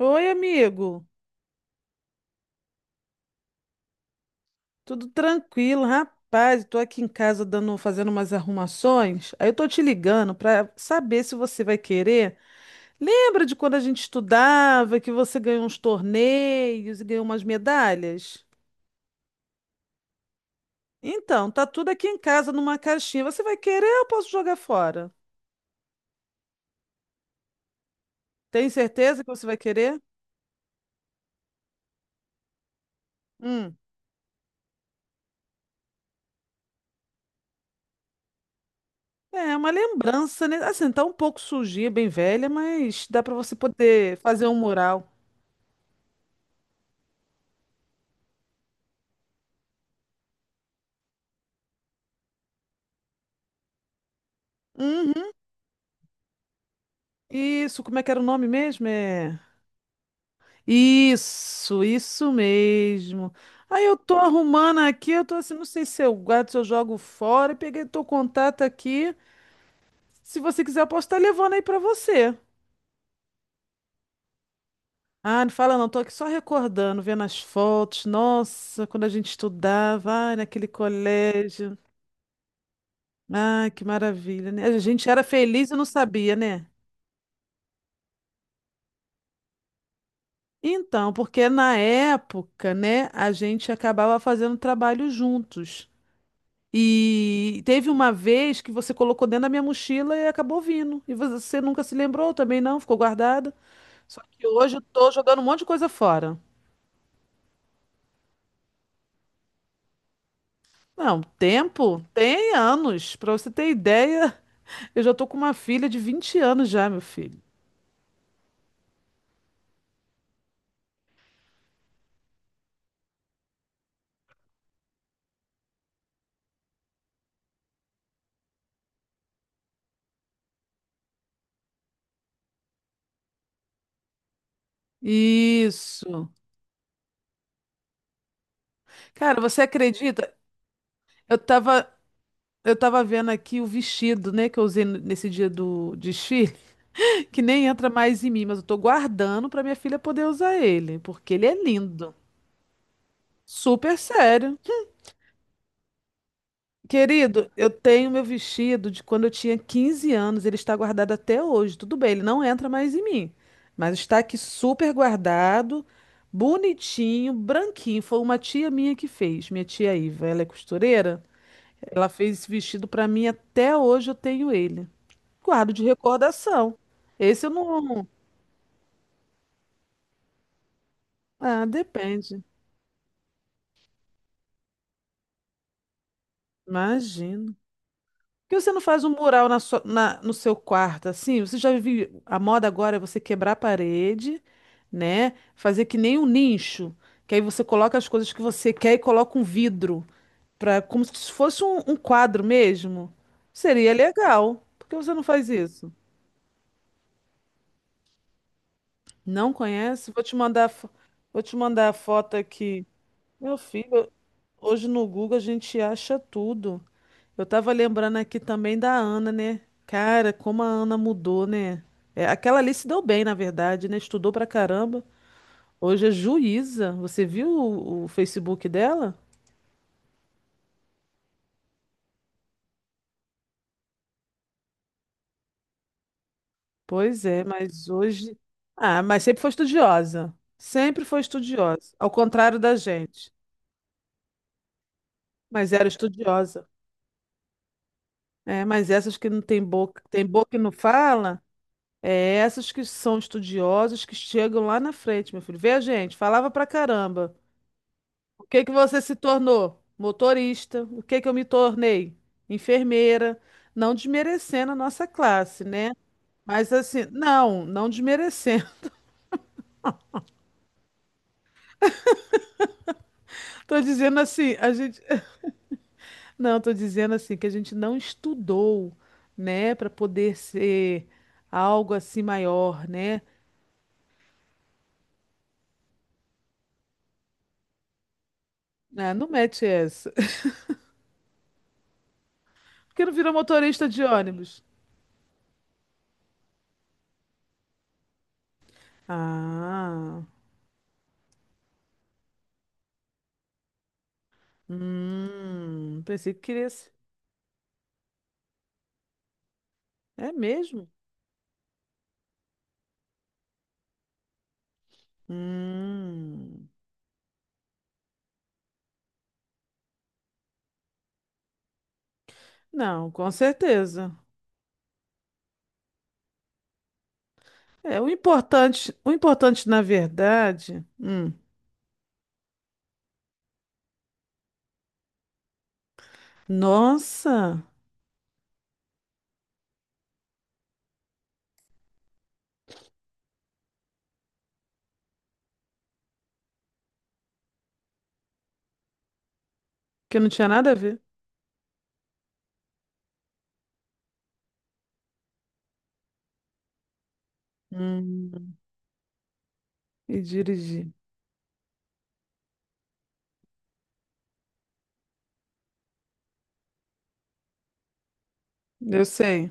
Oi, amigo. Tudo tranquilo, rapaz? Estou aqui em casa fazendo umas arrumações. Aí eu tô te ligando para saber se você vai querer. Lembra de quando a gente estudava que você ganhou uns torneios e ganhou umas medalhas? Então, tá tudo aqui em casa numa caixinha. Você vai querer ou eu posso jogar fora? Tem certeza que você vai querer? Hum. É uma lembrança, né? Assim, tá um pouco sujinha, bem velha, mas dá para você poder fazer um mural. Uhum. Isso, como é que era o nome mesmo? É. Isso mesmo. Aí eu tô arrumando aqui, eu tô assim, não sei se eu guardo, se eu jogo fora, e peguei teu contato aqui. Se você quiser, eu posso estar levando aí pra você. Ah, não fala não, tô aqui só recordando, vendo as fotos. Nossa, quando a gente estudava, ai, naquele colégio. Ai, que maravilha, né? A gente era feliz e não sabia, né? Então, porque na época, né, a gente acabava fazendo trabalho juntos. E teve uma vez que você colocou dentro da minha mochila e acabou vindo. E você nunca se lembrou também, não? Ficou guardada. Só que hoje eu tô jogando um monte de coisa fora. Não, tempo tem anos. Pra você ter ideia, eu já tô com uma filha de 20 anos já, meu filho. Isso. Cara, você acredita? Eu tava, eu tava vendo aqui o vestido, né, que eu usei nesse dia do desfile, que nem entra mais em mim, mas eu tô guardando pra minha filha poder usar ele, porque ele é lindo. Super sério. Querido, eu tenho meu vestido de quando eu tinha 15 anos, ele está guardado até hoje. Tudo bem, ele não entra mais em mim, mas está aqui super guardado, bonitinho, branquinho. Foi uma tia minha que fez, minha tia Iva, ela é costureira. Ela fez esse vestido para mim, até hoje eu tenho ele. Guardo de recordação. Esse eu não. Ah, depende. Imagino. Por que você não faz um mural na no seu quarto, assim? Você já viu, a moda agora é você quebrar a parede, né? Fazer que nem um nicho, que aí você coloca as coisas que você quer e coloca um vidro, pra, como se fosse um quadro mesmo. Seria legal. Por que você não faz isso? Não conhece? Vou te mandar, vou te mandar a foto aqui. Meu filho, hoje no Google a gente acha tudo. Eu tava lembrando aqui também da Ana, né? Cara, como a Ana mudou, né? É, aquela ali se deu bem, na verdade, né? Estudou pra caramba. Hoje é juíza. Você viu o Facebook dela? Pois é, mas hoje. Ah, mas sempre foi estudiosa. Sempre foi estudiosa. Ao contrário da gente. Mas era estudiosa. É, mas essas que não tem boca, tem boca e não fala, é essas que são estudiosas que chegam lá na frente, meu filho. Vê a gente, falava pra caramba. O que que você se tornou? Motorista. O que que eu me tornei? Enfermeira. Não desmerecendo a nossa classe, né? Mas assim, não, não desmerecendo. Tô dizendo assim, a gente, não, tô dizendo assim que a gente não estudou, né, para poder ser algo assim maior, né? Ah, não mete essa. Por que não virou motorista de ônibus? Ah, pensei que queria ser. É mesmo? Hum. Não, com certeza. É, o importante na verdade. Nossa, que não tinha nada a ver. Hum, e dirigir. Eu sei.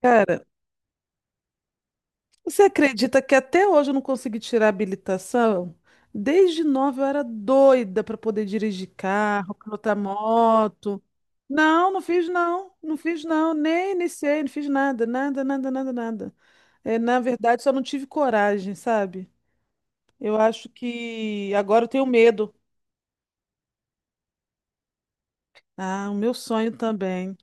Cara, você acredita que até hoje eu não consegui tirar a habilitação? Desde nova eu era doida para poder dirigir carro, pilotar moto. Não, não fiz não, não fiz não, nem iniciei, não fiz nada, nada, nada, nada, nada. É, na verdade, só não tive coragem, sabe? Eu acho que agora eu tenho medo. Ah, o meu sonho também,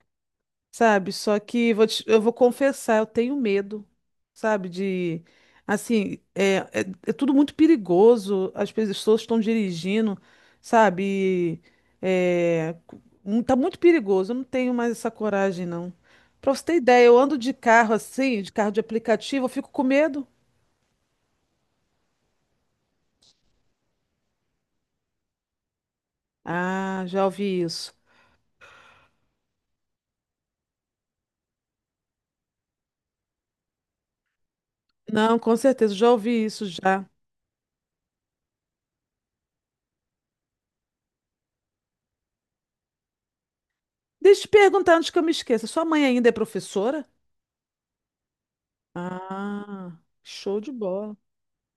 sabe? Só que eu vou confessar, eu tenho medo, sabe? De, assim, é tudo muito perigoso, as pessoas estão dirigindo, sabe? É, tá muito perigoso, eu não tenho mais essa coragem, não. Pra você ter ideia, eu ando de carro assim, de carro de aplicativo, eu fico com medo. Ah, já ouvi isso. Não, com certeza, já ouvi isso já. Deixa eu te perguntar antes que eu me esqueça. Sua mãe ainda é professora? Ah, show de bola.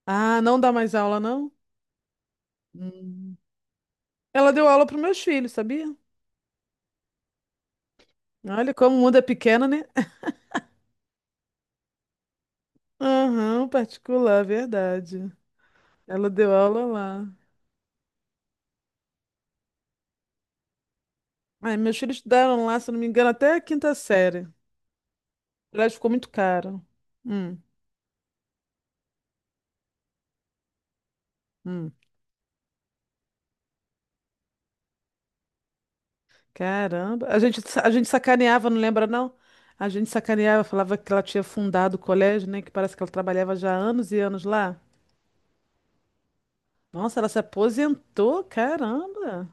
Ah, não dá mais aula, não? Hum. Ela deu aula para meus filhos, sabia? Olha como o mundo é pequeno, né? Aham, particular, verdade. Ela deu aula lá. Ai, meus filhos estudaram lá, se eu não me engano, até a quinta série. Aliás, ficou muito caro. Hum, hum. Caramba. A gente, a gente sacaneava, não lembra, não? A gente sacaneava, falava que ela tinha fundado o colégio, né? Que parece que ela trabalhava já há anos e anos lá. Nossa, ela se aposentou, caramba.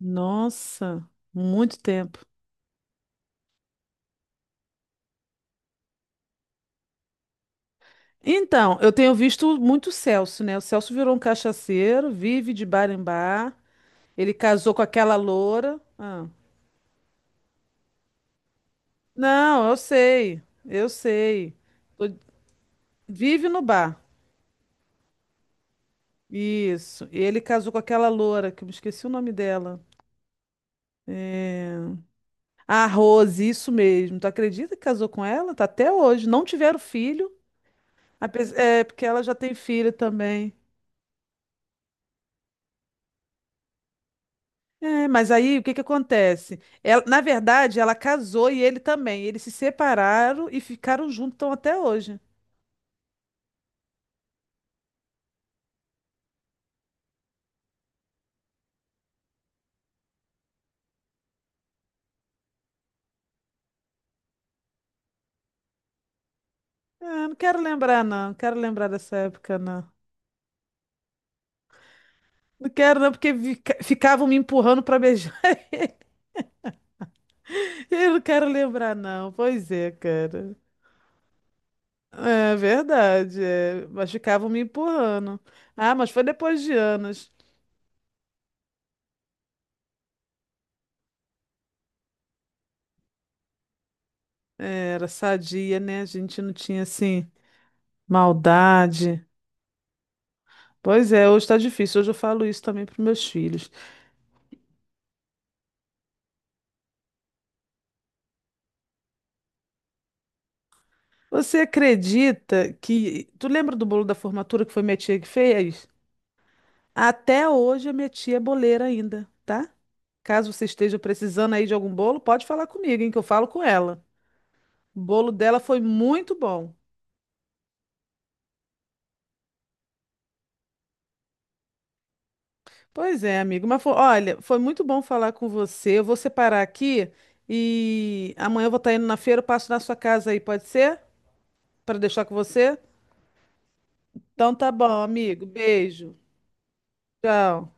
Nossa, muito tempo. Então, eu tenho visto muito o Celso, né? O Celso virou um cachaceiro, vive de bar em bar. Ele casou com aquela loura. Ah. Não, eu sei, eu sei. Tô- Vive no bar. Isso. E ele casou com aquela loura, que eu me esqueci o nome dela. É... A Rose, isso mesmo. Tu acredita que casou com ela? Tá até hoje. Não tiveram filho. É, porque ela já tem filho também. É, mas aí o que que acontece? Na verdade, ela casou e ele também. Eles se separaram e ficaram juntos tão até hoje. Ah, não quero lembrar, não. Não quero lembrar dessa época, não. Não quero, não, porque ficavam me empurrando pra beijar ele. Eu não quero lembrar, não. Pois é, cara. É verdade, é. Mas ficavam me empurrando. Ah, mas foi depois de anos. É, era sadia, né? A gente não tinha, assim, maldade. Pois é, hoje tá difícil. Hoje eu falo isso também pros meus filhos. Você acredita que. Tu lembra do bolo da formatura que foi minha tia que fez? Até hoje a minha tia é boleira ainda, tá? Caso você esteja precisando aí de algum bolo, pode falar comigo, hein, que eu falo com ela. O bolo dela foi muito bom. Pois é, amigo, mas olha, foi muito bom falar com você. Eu vou separar aqui e amanhã eu vou estar indo na feira, eu passo na sua casa aí, pode ser? Para deixar com você? Então tá bom, amigo. Beijo. Tchau.